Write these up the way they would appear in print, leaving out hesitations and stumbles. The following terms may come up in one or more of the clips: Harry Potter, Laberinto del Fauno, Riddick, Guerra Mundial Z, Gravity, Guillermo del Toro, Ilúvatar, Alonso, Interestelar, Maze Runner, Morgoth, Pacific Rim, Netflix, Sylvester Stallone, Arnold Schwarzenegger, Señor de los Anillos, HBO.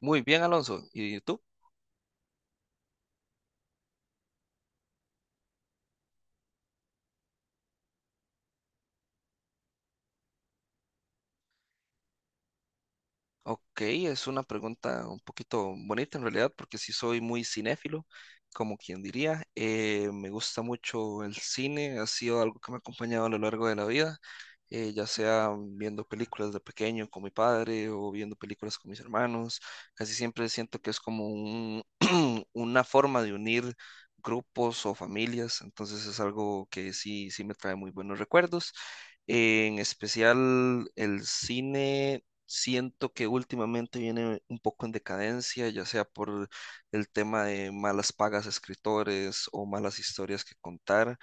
Muy bien, Alonso. ¿Y tú? Ok, es una pregunta un poquito bonita en realidad, porque sí soy muy cinéfilo, como quien diría. Me gusta mucho el cine, ha sido algo que me ha acompañado a lo largo de la vida, ya sea viendo películas de pequeño con mi padre o viendo películas con mis hermanos. Casi siempre siento que es como una forma de unir grupos o familias, entonces es algo que sí me trae muy buenos recuerdos. En especial el cine siento que últimamente viene un poco en decadencia, ya sea por el tema de malas pagas a escritores o malas historias que contar,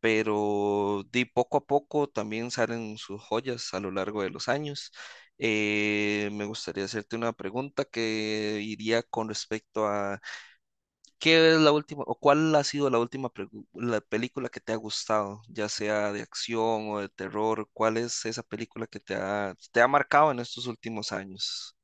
pero de poco a poco también salen sus joyas a lo largo de los años. Me gustaría hacerte una pregunta que iría con respecto a ¿qué es la última, o cuál ha sido la la película que te ha gustado, ya sea de acción o de terror? ¿Cuál es esa película que te ha marcado en estos últimos años?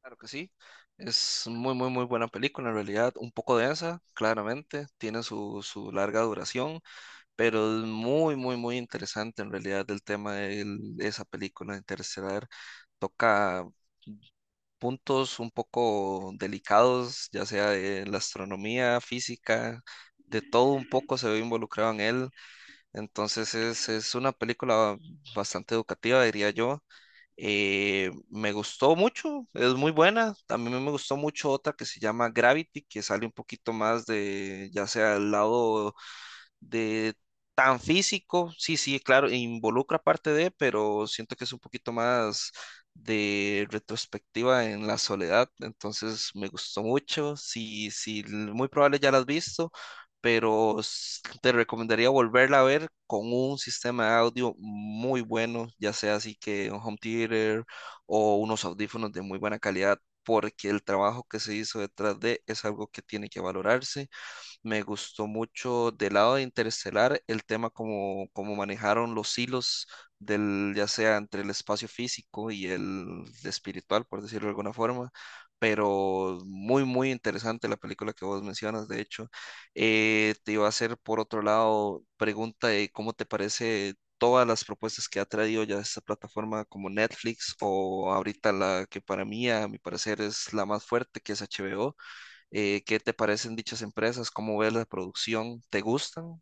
Claro que sí, es muy, muy, muy buena película en realidad, un poco densa, claramente, tiene su larga duración, pero es muy, muy, muy interesante en realidad el tema de esa película Interestelar, toca puntos un poco delicados, ya sea de la astronomía, física, de todo un poco se ve involucrado en él. Entonces es una película bastante educativa, diría yo. Me gustó mucho, es muy buena. También me gustó mucho otra que se llama Gravity, que sale un poquito más de, ya sea el lado de tan físico, sí, sí, claro, involucra parte de, pero siento que es un poquito más de retrospectiva en la soledad, entonces me gustó mucho, sí, sí, muy probable ya la has visto, pero te recomendaría volverla a ver con un sistema de audio muy bueno, ya sea así que un home theater o unos audífonos de muy buena calidad, porque el trabajo que se hizo detrás de es algo que tiene que valorarse. Me gustó mucho del lado de Interestelar el tema como manejaron los hilos del, ya sea entre el espacio físico y el espiritual, por decirlo de alguna forma. Pero muy, muy interesante la película que vos mencionas, de hecho. Te iba a hacer, por otro lado, pregunta de cómo te parece todas las propuestas que ha traído ya esta plataforma como Netflix o ahorita la que para mí, a mi parecer, es la más fuerte, que es HBO. ¿Qué te parecen dichas empresas? ¿Cómo ves la producción? ¿Te gustan?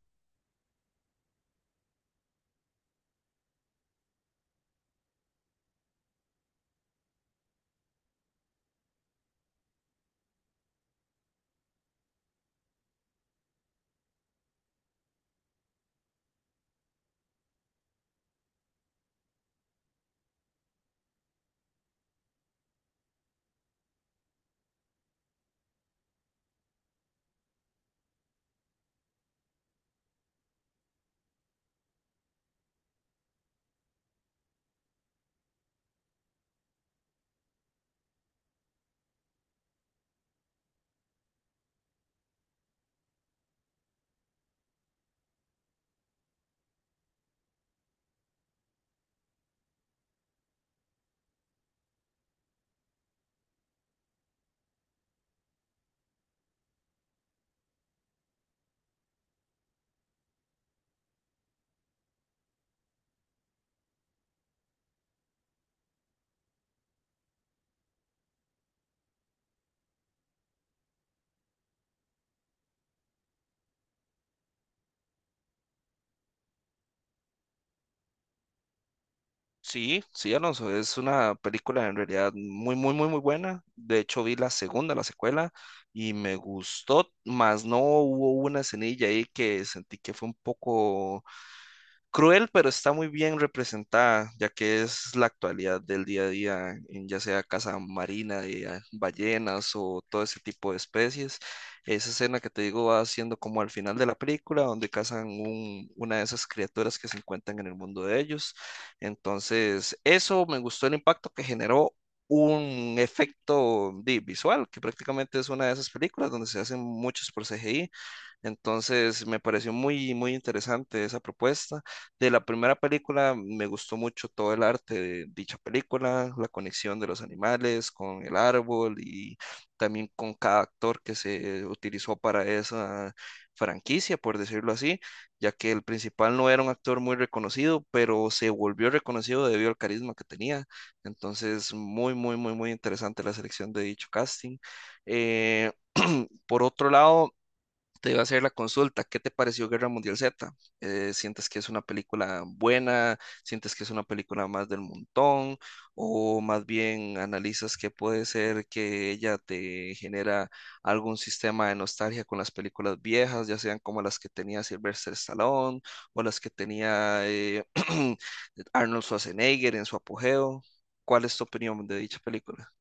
Sí, sí, Alonso, es una película en realidad muy, muy, muy, muy buena. De hecho, vi la segunda, la secuela, y me gustó, más no hubo una escenilla ahí que sentí que fue un poco cruel, pero está muy bien representada, ya que es la actualidad del día a día, en ya sea caza marina de ballenas o todo ese tipo de especies. Esa escena que te digo va siendo como al final de la película, donde cazan una de esas criaturas que se encuentran en el mundo de ellos. Entonces, eso me gustó el impacto que generó. Un efecto visual, que prácticamente es una de esas películas donde se hacen muchos por CGI. Entonces me pareció muy, muy interesante esa propuesta. De la primera película me gustó mucho todo el arte de dicha película, la conexión de los animales con el árbol y también con cada actor que se utilizó para esa franquicia, por decirlo así, ya que el principal no era un actor muy reconocido, pero se volvió reconocido debido al carisma que tenía. Entonces, muy, muy, muy, muy interesante la selección de dicho casting. Eh, por otro lado, te iba a hacer la consulta. ¿Qué te pareció Guerra Mundial Z? ¿Sientes que es una película buena? ¿Sientes que es una película más del montón? ¿O más bien analizas que puede ser que ella te genera algún sistema de nostalgia con las películas viejas, ya sean como las que tenía Sylvester Stallone o las que tenía Arnold Schwarzenegger en su apogeo? ¿Cuál es tu opinión de dicha película?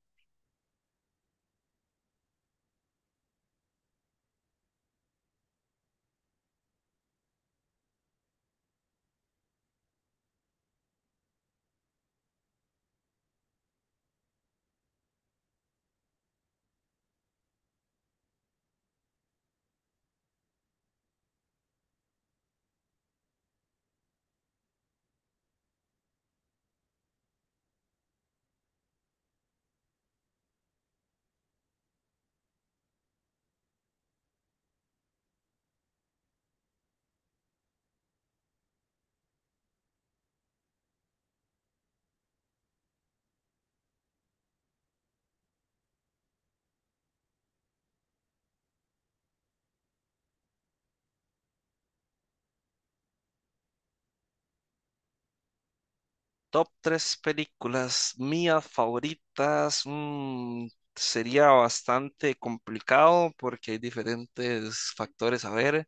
Top tres películas mías favoritas. Sería bastante complicado porque hay diferentes factores a ver.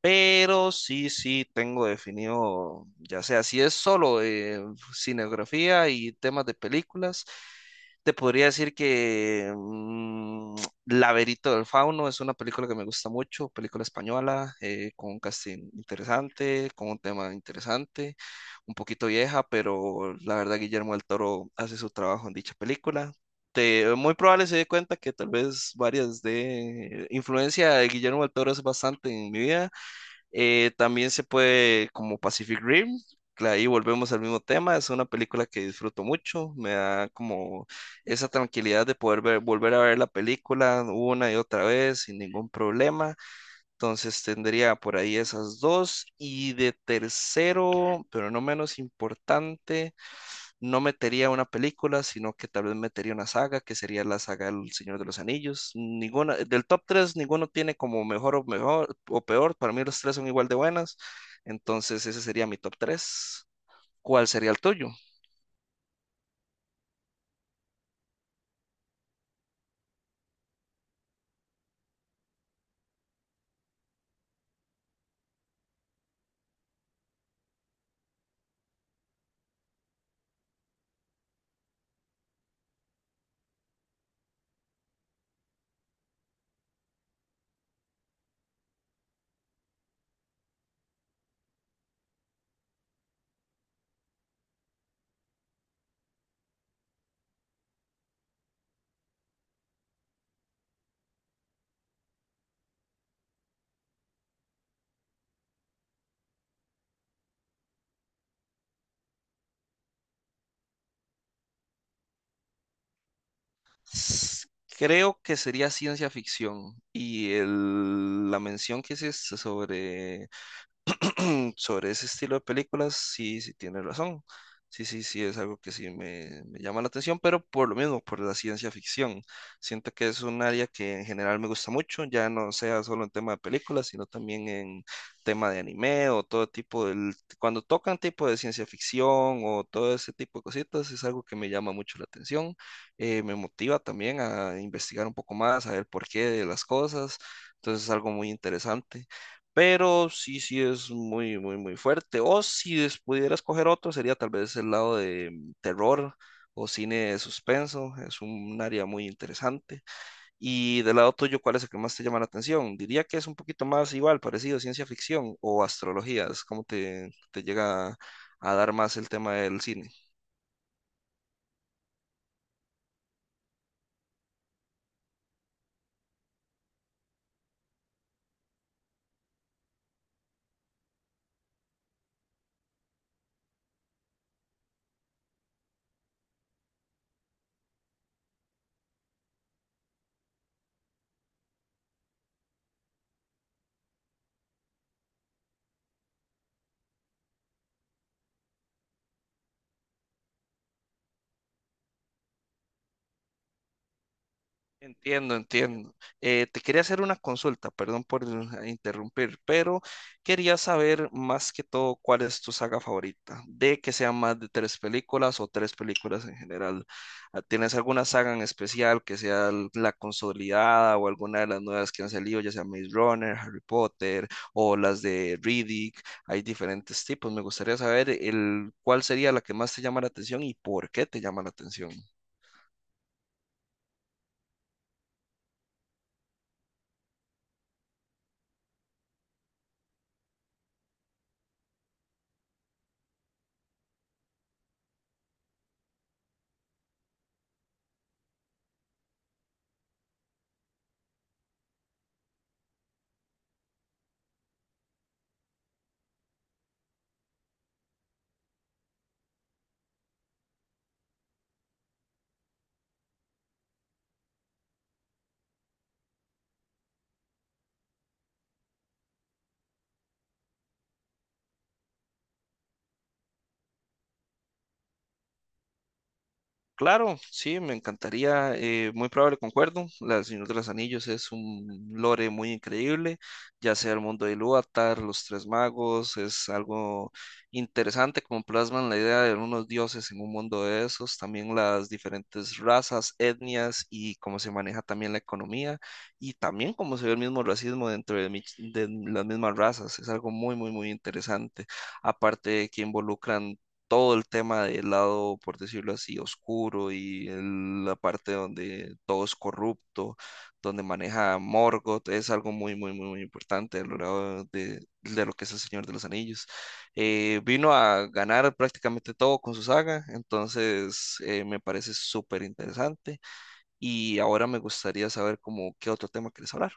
Pero sí, sí, tengo definido, ya sea si es solo cinegrafía y temas de películas, te podría decir que Laberinto del Fauno es una película que me gusta mucho, película española, con un casting interesante, con un tema interesante, un poquito vieja, pero la verdad Guillermo del Toro hace su trabajo en dicha película. Muy probable se dé cuenta que tal vez varias de influencia de Guillermo del Toro es bastante en mi vida. También se puede, como Pacific Rim, ahí volvemos al mismo tema, es una película que disfruto mucho, me da como esa tranquilidad de volver a ver la película una y otra vez sin ningún problema. Entonces tendría por ahí esas dos. Y de tercero, pero no menos importante, no metería una película, sino que tal vez metería una saga, que sería la saga del Señor de los Anillos. Ninguna, del top 3 ninguno tiene como mejor o mejor o peor. Para mí los tres son igual de buenas. Entonces ese sería mi top tres. ¿Cuál sería el tuyo? S- Creo que sería ciencia ficción. Y la mención que hiciste sobre sobre ese estilo de películas, sí, sí tiene razón. Sí, sí, sí, es algo que sí me llama la atención, pero por lo mismo, por la ciencia ficción. Siento que es un área que en general me gusta mucho, ya no sea solo en tema de películas, sino también en tema de anime o todo tipo del... Cuando tocan tipo de ciencia ficción o todo ese tipo de cositas, es algo que me llama mucho la atención. Me motiva también a investigar un poco más, a ver por qué de las cosas. Entonces es algo muy interesante. Pero sí, sí es muy, muy, muy fuerte. O si pudieras coger otro, sería tal vez el lado de terror o cine de suspenso. Es un área muy interesante. Y del lado tuyo, ¿cuál es el que más te llama la atención? Diría que es un poquito más igual, parecido a ciencia ficción o astrología. Es como te llega a dar más el tema del cine. Entiendo, entiendo. Te quería hacer una consulta, perdón por interrumpir, pero quería saber más que todo cuál es tu saga favorita, de que sean más de tres películas o tres películas en general. Ah, ¿tienes alguna saga en especial que sea la consolidada o alguna de las nuevas que han salido, ya sea Maze Runner, Harry Potter o las de Riddick? Hay diferentes tipos. Me gustaría saber el cuál sería la que más te llama la atención y por qué te llama la atención. Claro, sí, me encantaría, muy probable concuerdo, La Señor de los Anillos es un lore muy increíble, ya sea el mundo de Ilúvatar, los Tres Magos, es algo interesante como plasman la idea de unos dioses en un mundo de esos, también las diferentes razas, etnias y cómo se maneja también la economía y también cómo se ve el mismo racismo dentro de, de las mismas razas, es algo muy, muy, muy interesante, aparte de que involucran todo el tema del lado, por decirlo así, oscuro y la parte donde todo es corrupto, donde maneja Morgoth, es algo muy, muy, muy, muy importante a lo largo de lo que es el Señor de los Anillos. Vino a ganar prácticamente todo con su saga, entonces me parece súper interesante y ahora me gustaría saber como qué otro tema quieres hablar.